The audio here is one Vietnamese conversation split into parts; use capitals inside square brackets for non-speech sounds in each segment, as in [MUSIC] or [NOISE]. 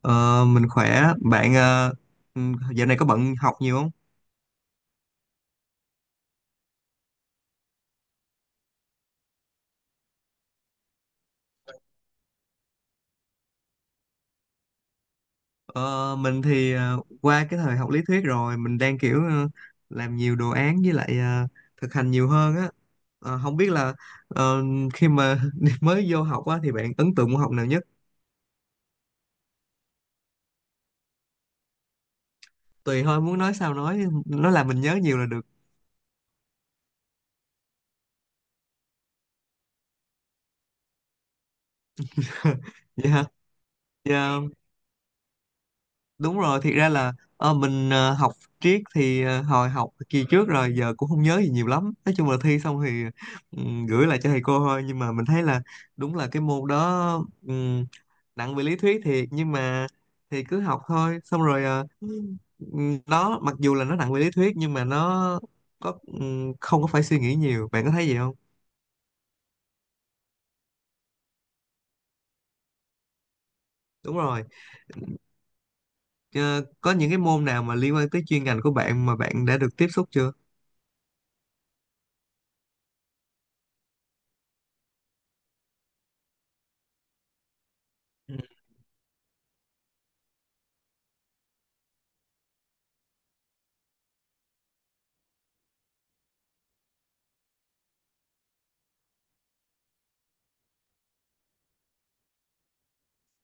Ờ, mình khỏe bạn ờ, ừ, Dạo này có bận học nhiều không? Ờ, mình thì qua cái thời học lý thuyết rồi, mình đang kiểu làm nhiều đồ án với lại thực hành nhiều hơn á. Không biết là ờ, khi mà [LAUGHS] mới vô học á thì bạn ấn tượng môn học nào nhất? Tùy thôi, muốn nói sao nói, nó làm mình nhớ nhiều là được. [LAUGHS] Dạ. Dạ, đúng rồi, thiệt ra là mình học triết thì hồi học kỳ trước rồi giờ cũng không nhớ gì nhiều lắm, nói chung là thi xong thì gửi lại cho thầy cô thôi. Nhưng mà mình thấy là đúng là cái môn đó ừm, nặng về lý thuyết thiệt, nhưng mà thì cứ học thôi, xong rồi đó mặc dù là nó nặng về lý thuyết nhưng mà nó có, không có phải suy nghĩ nhiều. Bạn có thấy gì không? Đúng rồi. Ờ, có những cái môn nào mà liên quan tới chuyên ngành của bạn mà bạn đã được tiếp xúc chưa?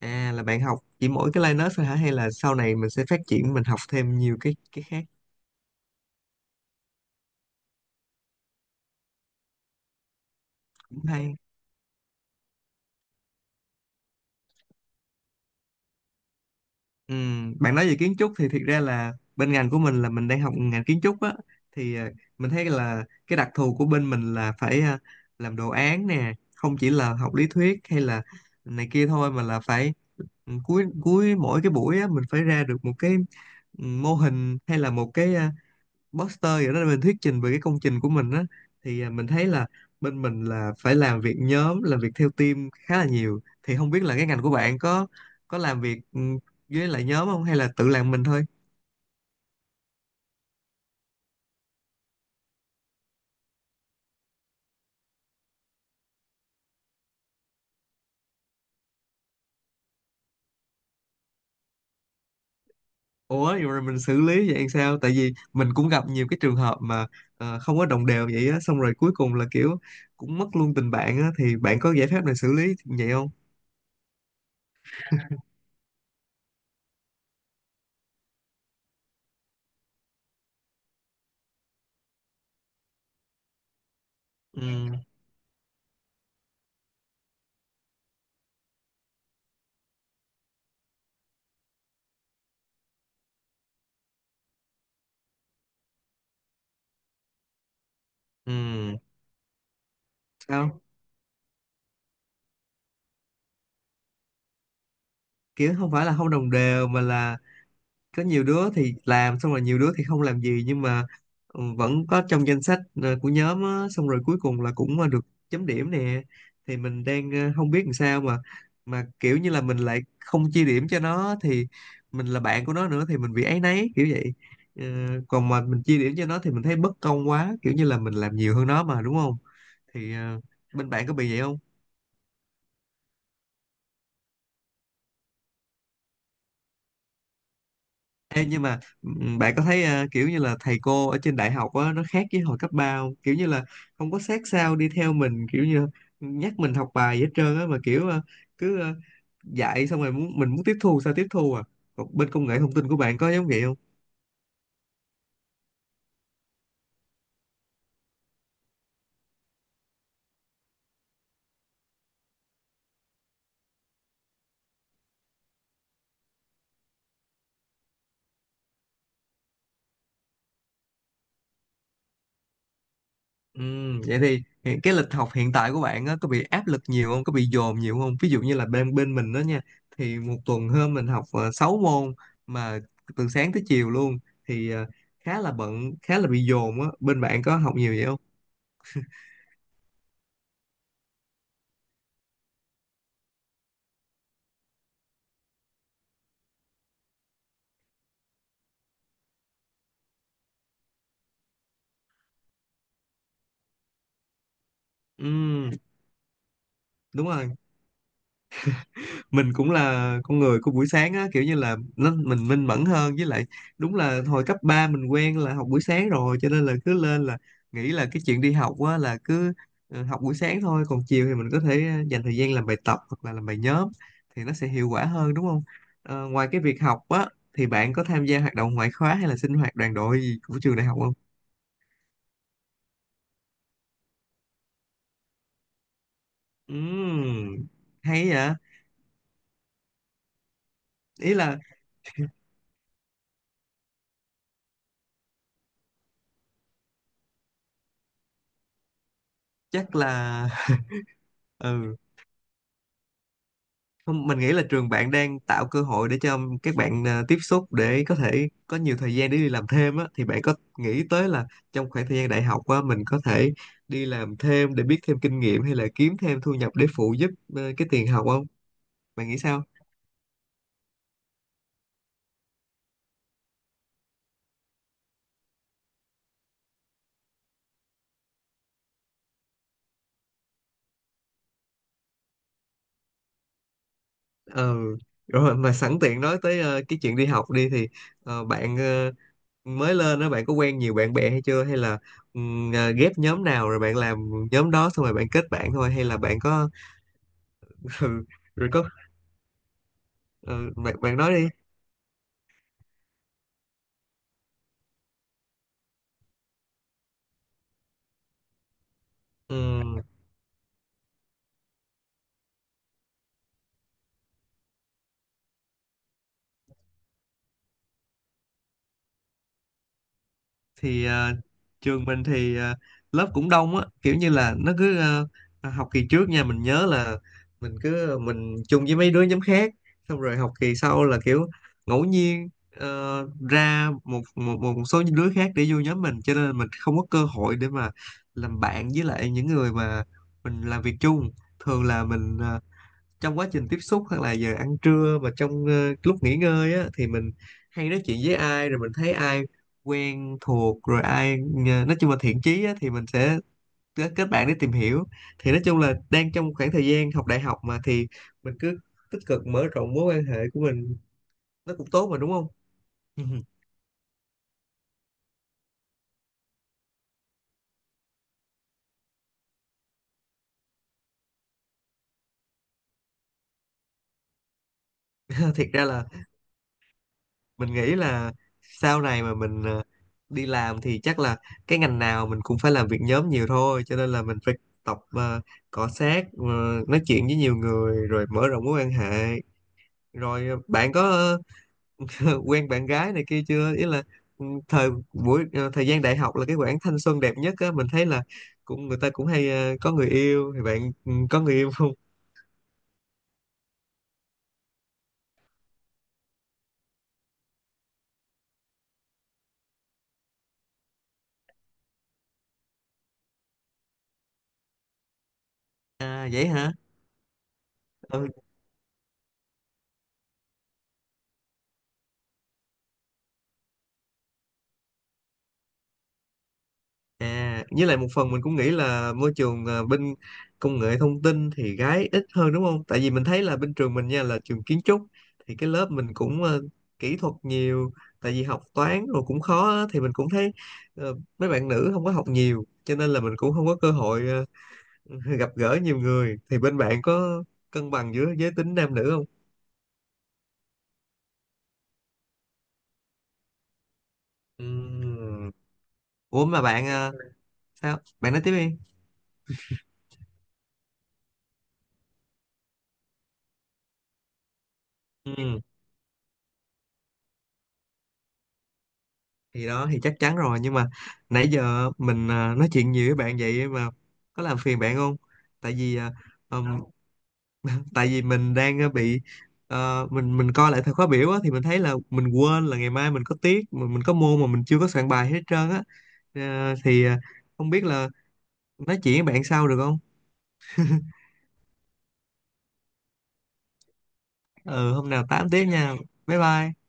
À, là bạn học chỉ mỗi cái Linux thôi hả, hay là sau này mình sẽ phát triển, mình học thêm nhiều cái khác? Cũng hay. Ừ, bạn nói về kiến trúc thì thiệt ra là bên ngành của mình là mình đang học ngành kiến trúc á. Thì mình thấy là cái đặc thù của bên mình là phải làm đồ án nè, không chỉ là học lý thuyết hay là này kia thôi, mà là phải cuối cuối mỗi cái buổi á mình phải ra được một cái mô hình, hay là một cái Buster vậy đó, mình thuyết trình về cái công trình của mình á. Thì mình thấy là bên mình là phải làm việc nhóm, làm việc theo team khá là nhiều. Thì không biết là cái ngành của bạn có làm việc với lại nhóm không, hay là tự làm mình thôi? Ủa, vậy rồi mình xử lý vậy sao? Tại vì mình cũng gặp nhiều cái trường hợp mà không có đồng đều vậy á, xong rồi cuối cùng là kiểu cũng mất luôn tình bạn á. Thì bạn có giải pháp nào xử lý vậy không? Ừ. Ừ. Sao? Kiểu không phải là không đồng đều mà là có nhiều đứa thì làm xong rồi, nhiều đứa thì không làm gì. Nhưng mà vẫn có trong danh sách của nhóm á, xong rồi cuối cùng là cũng được chấm điểm nè. Thì mình đang không biết làm sao, mà kiểu như là mình lại không chia điểm cho nó thì mình là bạn của nó nữa thì mình bị áy náy kiểu vậy. Ờ, Còn mà mình chia điểm cho nó thì mình thấy bất công quá, kiểu như là mình làm nhiều hơn nó mà đúng không? Thì bên bạn có bị vậy không? Ê, nhưng mà bạn có thấy kiểu như là thầy cô ở trên đại học á, nó khác với hồi cấp ba không? Kiểu như là không có sát sao đi theo mình, kiểu như nhắc mình học bài gì hết trơn á, mà kiểu cứ dạy xong rồi muốn mình muốn tiếp thu sao tiếp thu à? Còn bên công nghệ thông tin của bạn có giống vậy? Vậy thì hiện cái lịch học hiện tại của bạn á, có bị áp lực nhiều không? Có bị dồn nhiều không? Ví dụ như là bên bên mình đó nha, thì một tuần hôm mình học 6 môn, mà từ sáng tới chiều luôn. Thì khá là bận, khá là bị dồn á. Bên bạn có học nhiều vậy không? Ừm, đúng rồi. Mình cũng là con người của buổi sáng á, kiểu như là nó, mình minh mẫn hơn, với lại đúng là hồi cấp 3 mình quen là học buổi sáng rồi, cho nên là cứ lên là nghĩ là cái chuyện đi học á là cứ học buổi sáng thôi, còn chiều thì mình có thể dành thời gian làm bài tập hoặc là làm bài nhóm thì nó sẽ hiệu quả hơn, đúng không? Ngoài cái việc học á thì bạn có tham gia hoạt động ngoại khóa hay là sinh hoạt đoàn đội gì của trường đại học không? Ừm, hay vậy. Ý là, chắc là, [LAUGHS] ừ. Không, mình nghĩ là trường bạn đang tạo cơ hội để cho các bạn tiếp xúc, để có thể có nhiều thời gian để đi làm thêm á. Thì bạn có nghĩ tới là trong khoảng thời gian đại học á mình có thể đi làm thêm để biết thêm kinh nghiệm, hay là kiếm thêm thu nhập để phụ giúp cái tiền học không? Bạn nghĩ sao? Ờ, rồi, mà sẵn tiện nói tới cái chuyện đi học đi thì bạn mới lên đó, bạn có quen nhiều bạn bè hay chưa, hay là ghép nhóm nào rồi bạn làm nhóm đó xong rồi bạn kết bạn thôi, hay là bạn có [LAUGHS] rồi, rồi có ờ, bạn bạn nói đi. Ừ, thì trường mình thì lớp cũng đông á, kiểu như là nó cứ học kỳ trước nha mình nhớ là mình cứ mình chung với mấy đứa nhóm khác, xong rồi học kỳ sau là kiểu ngẫu nhiên ra một một số những đứa khác để vô nhóm mình, cho nên mình không có cơ hội để mà làm bạn với lại những người mà mình làm việc chung. Thường là mình trong quá trình tiếp xúc hoặc là giờ ăn trưa và trong lúc nghỉ ngơi á thì mình hay nói chuyện với ai, rồi mình thấy ai quen thuộc, rồi ai nói chung là thiện chí á, thì mình sẽ kết kết bạn để tìm hiểu. Thì nói chung là đang trong khoảng thời gian học đại học mà, thì mình cứ tích cực mở rộng mối quan hệ của mình, nó cũng tốt mà đúng không? [LAUGHS] Thiệt ra là mình nghĩ là sau này mà mình đi làm thì chắc là cái ngành nào mình cũng phải làm việc nhóm nhiều thôi, cho nên là mình phải tập cọ xát, nói chuyện với nhiều người rồi mở rộng mối quan hệ. Rồi bạn có [LAUGHS] quen bạn gái này kia chưa? Ý là thời buổi thời gian đại học là cái khoảng thanh xuân đẹp nhất á, mình thấy là cũng người ta cũng hay có người yêu. Thì bạn có người yêu không? À, vậy hả? Ừ. À, với lại một phần mình cũng nghĩ là môi trường bên công nghệ thông tin thì gái ít hơn đúng không? Tại vì mình thấy là bên trường mình nha là trường kiến trúc, thì cái lớp mình cũng kỹ thuật nhiều, tại vì học toán rồi cũng khó á, thì mình cũng thấy mấy bạn nữ không có học nhiều cho nên là mình cũng không có cơ hội [LAUGHS] gặp gỡ nhiều người. Thì bên bạn có cân bằng giữa giới tính nam nữ không? Ừm. Ủa, mà bạn sao? Bạn nói tiếp đi. Ừ. Thì đó thì chắc chắn rồi, nhưng mà nãy giờ mình nói chuyện nhiều với bạn vậy mà có làm phiền bạn không? Tại vì à, ừm, tại vì mình đang bị, mình coi lại thời khóa biểu á, thì mình thấy là mình quên là ngày mai mình có tiết, mình có môn mà mình chưa có soạn bài hết trơn á. Thì không biết là nói chuyện với bạn sau được không? Ừ, hôm nào 8 tiết nha. Bye bye.